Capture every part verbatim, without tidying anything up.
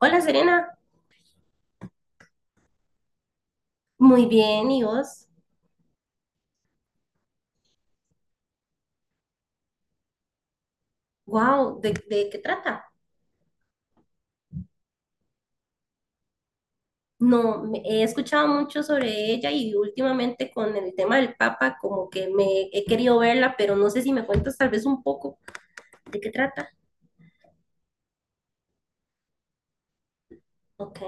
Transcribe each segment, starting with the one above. Hola Serena, muy bien, ¿y vos? Wow, ¿de, de qué trata? No, me- he escuchado mucho sobre ella y últimamente con el tema del Papa, como que me he querido verla, pero no sé si me cuentas tal vez un poco de qué trata. Ok,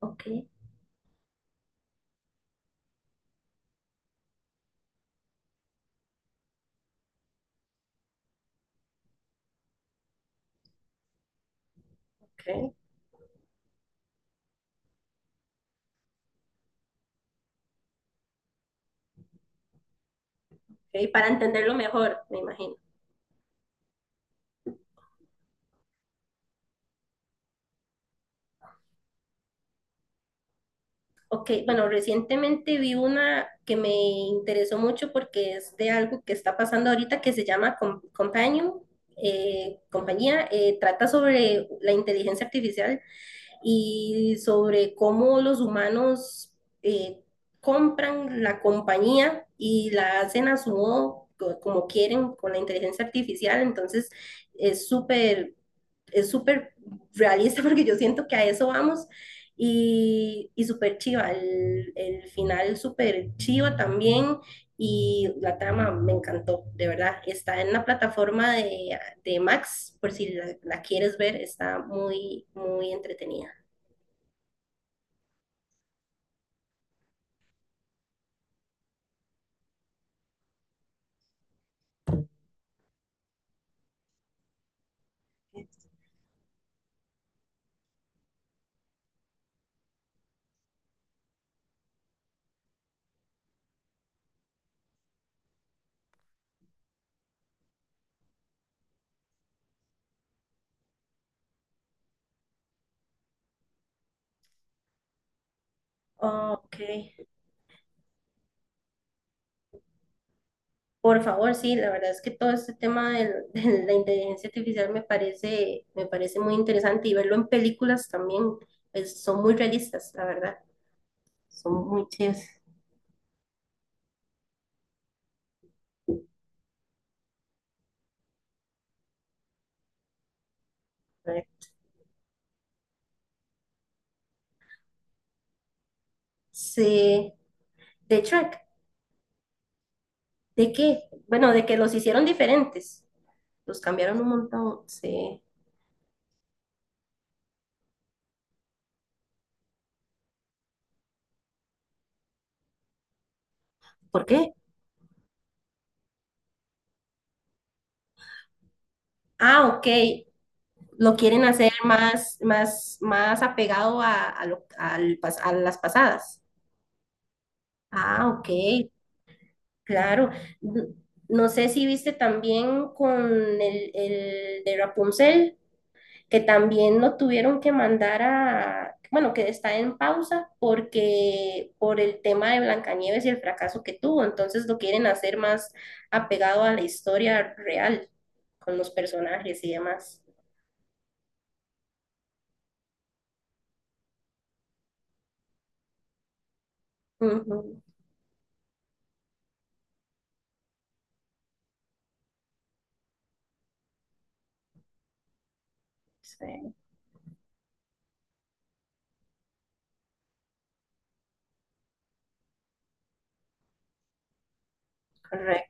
ok, ok, ok, para entenderlo mejor, me imagino. Ok, bueno, recientemente vi una que me interesó mucho porque es de algo que está pasando ahorita que se llama Com- Companion, eh, compañía, eh, trata sobre la inteligencia artificial y sobre cómo los humanos eh, compran la compañía y la hacen a su modo, co- como quieren, con la inteligencia artificial. Entonces, es súper, es súper realista porque yo siento que a eso vamos. Y, y súper chiva, el, el final súper chiva también. Y la trama me encantó, de verdad. Está en la plataforma de, de Max, por si la, la quieres ver, está muy, muy entretenida. Oh, ok, por favor, sí, la verdad es que todo este tema del- de la inteligencia artificial me parece, me parece muy interesante y verlo en películas también, pues, son muy realistas, la verdad, son muy chidas. A ver, sí, de Shrek, ¿de qué? Bueno, de que los hicieron diferentes, los cambiaron un montón, sí. ¿Por qué? Ah, ok, lo quieren hacer más, más, más apegado a, a, lo- al pas- a las pasadas. Ah, ok, claro, n- no sé si viste también con el, el de Rapunzel, que también lo tuvieron que mandar a, bueno, que está en pausa porque por el tema de Blancanieves y el fracaso que tuvo, entonces lo quieren hacer más apegado a la historia real, con los personajes y demás. Ujú, sí, correcto.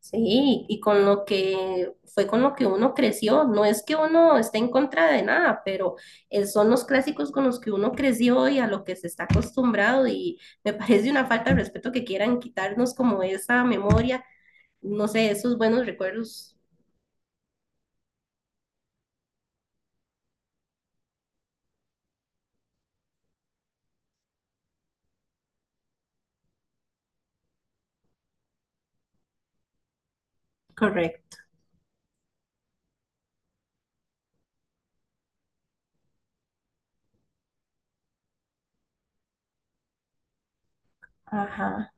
Sí, y con lo que fue con lo que uno creció, no es que uno esté en contra de nada, pero eh, son los clásicos con los que uno creció y a lo que se está acostumbrado y me parece una falta de respeto que quieran quitarnos como esa memoria, no sé, esos buenos recuerdos. Correcto. Ajá.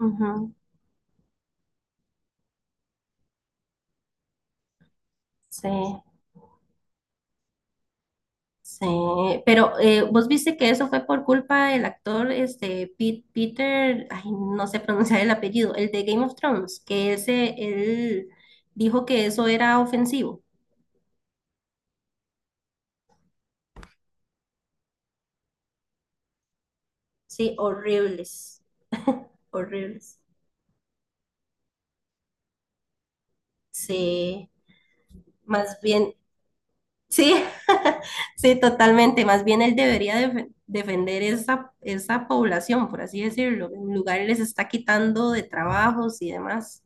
Ujú, sí. Sí, pero eh, vos viste que eso fue por culpa del actor este Pete- Peter, ay, no sé pronunciar el apellido, el de Game of Thrones, que ese él dijo que eso era ofensivo. Sí, horribles, horribles. Sí, más bien, sí, sí, totalmente. Más bien él debería defe- defender esa, esa población, por así decirlo. En lugar les está quitando de trabajos y demás.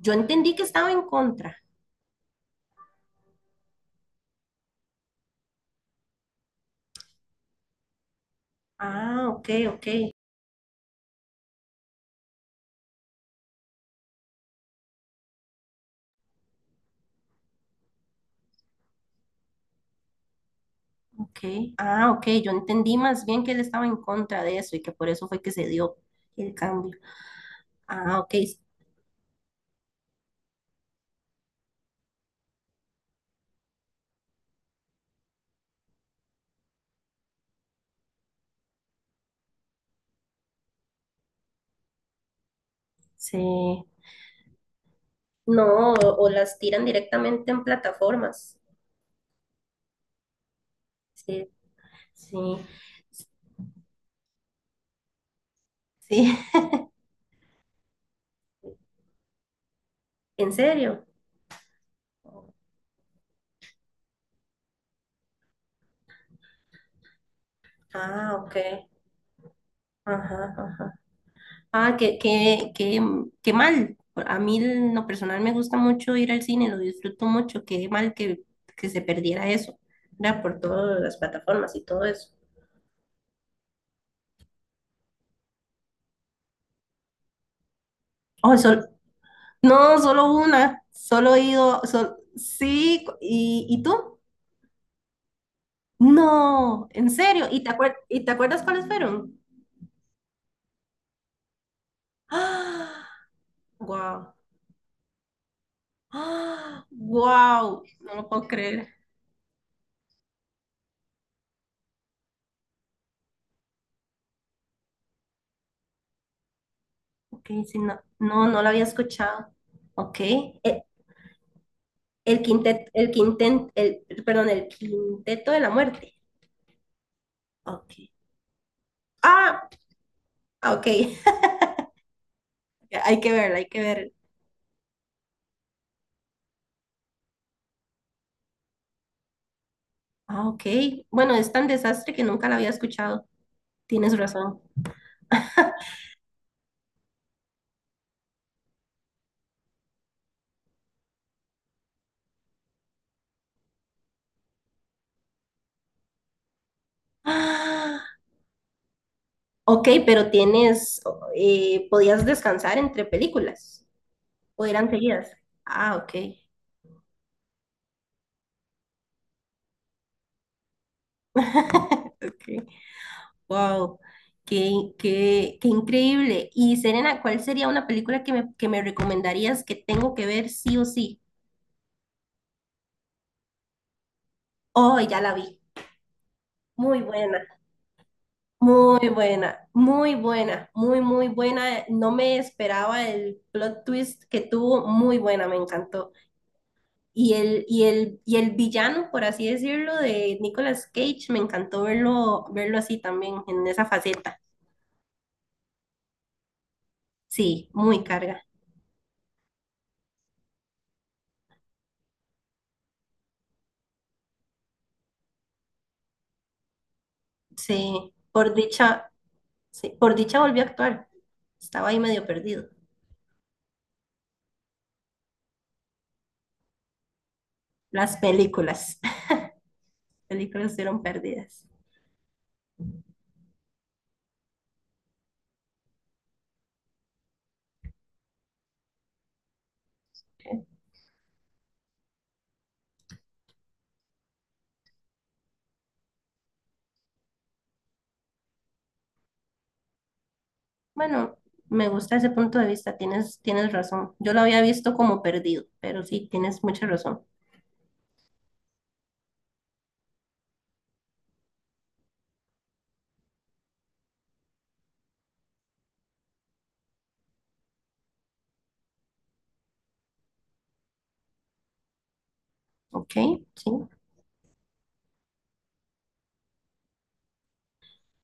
Yo entendí que estaba en contra. Ah, ok, ok. Ok. Ah, ok. Yo entendí más bien que él estaba en contra de eso y que por eso fue que se dio el cambio. Ah, ok. Se... No, o, o las tiran directamente en plataformas. Sí, sí, sí. ¿En serio? Ah, ok. Ajá, ajá. Ah, qué, qué, qué, qué mal. A mí en lo personal me gusta mucho ir al cine, lo disfruto mucho. Qué mal que, que se perdiera eso, ¿verdad? Por todas las plataformas y todo eso. Oh, eso, no, solo una, solo he ido, sol- sí, ¿y, y tú? No, en serio, ¿y te acuer- y te acuerdas cuáles fueron? ¡Ah! Wow, ¡ah! Wow, no lo puedo creer. Ok, sí, no, no, no lo había escuchado. Ok, e- el quinteto, el quinten- el, perdón, el Quinteto de la Muerte. Ok, ah, ok, hay que verla, hay que verla. Ah, ok, bueno, es tan desastre que nunca la había escuchado, tienes razón. Ah, ok, pero tienes, eh, podías descansar entre películas o eran seguidas. Ah, ok. Okay. Wow, qué, qué, qué increíble. Y Serena, ¿cuál sería una película que me, que me recomendarías que tengo que ver sí o sí? Oh, ya la vi. Muy buena, muy buena, muy buena, muy, muy buena. No me esperaba el plot twist que tuvo. Muy buena, me encantó. Y el, y el, y el villano, por así decirlo, de Nicolas Cage, me encantó verlo, verlo así también, en esa faceta. Sí, muy carga. Sí, por dicha, sí, por dicha volvió a actuar. Estaba ahí medio perdido. Las películas, películas fueron perdidas. Bueno, me gusta ese punto de vista, tienes, tienes razón. Yo lo había visto como perdido, pero sí, tienes mucha razón. Ok, sí,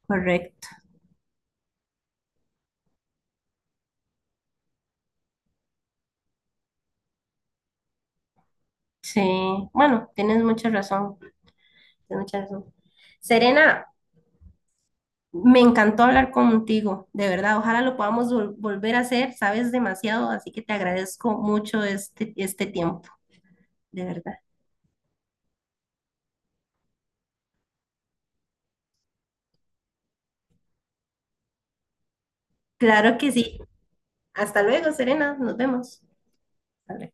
correcto. Sí, bueno, tienes mucha razón. Tienes mucha razón. Serena, me encantó hablar contigo, de verdad. Ojalá lo podamos vol- volver a hacer. Sabes demasiado, así que te agradezco mucho este, este tiempo, de verdad. Claro que sí. Hasta luego, Serena. Nos vemos. Hasta luego.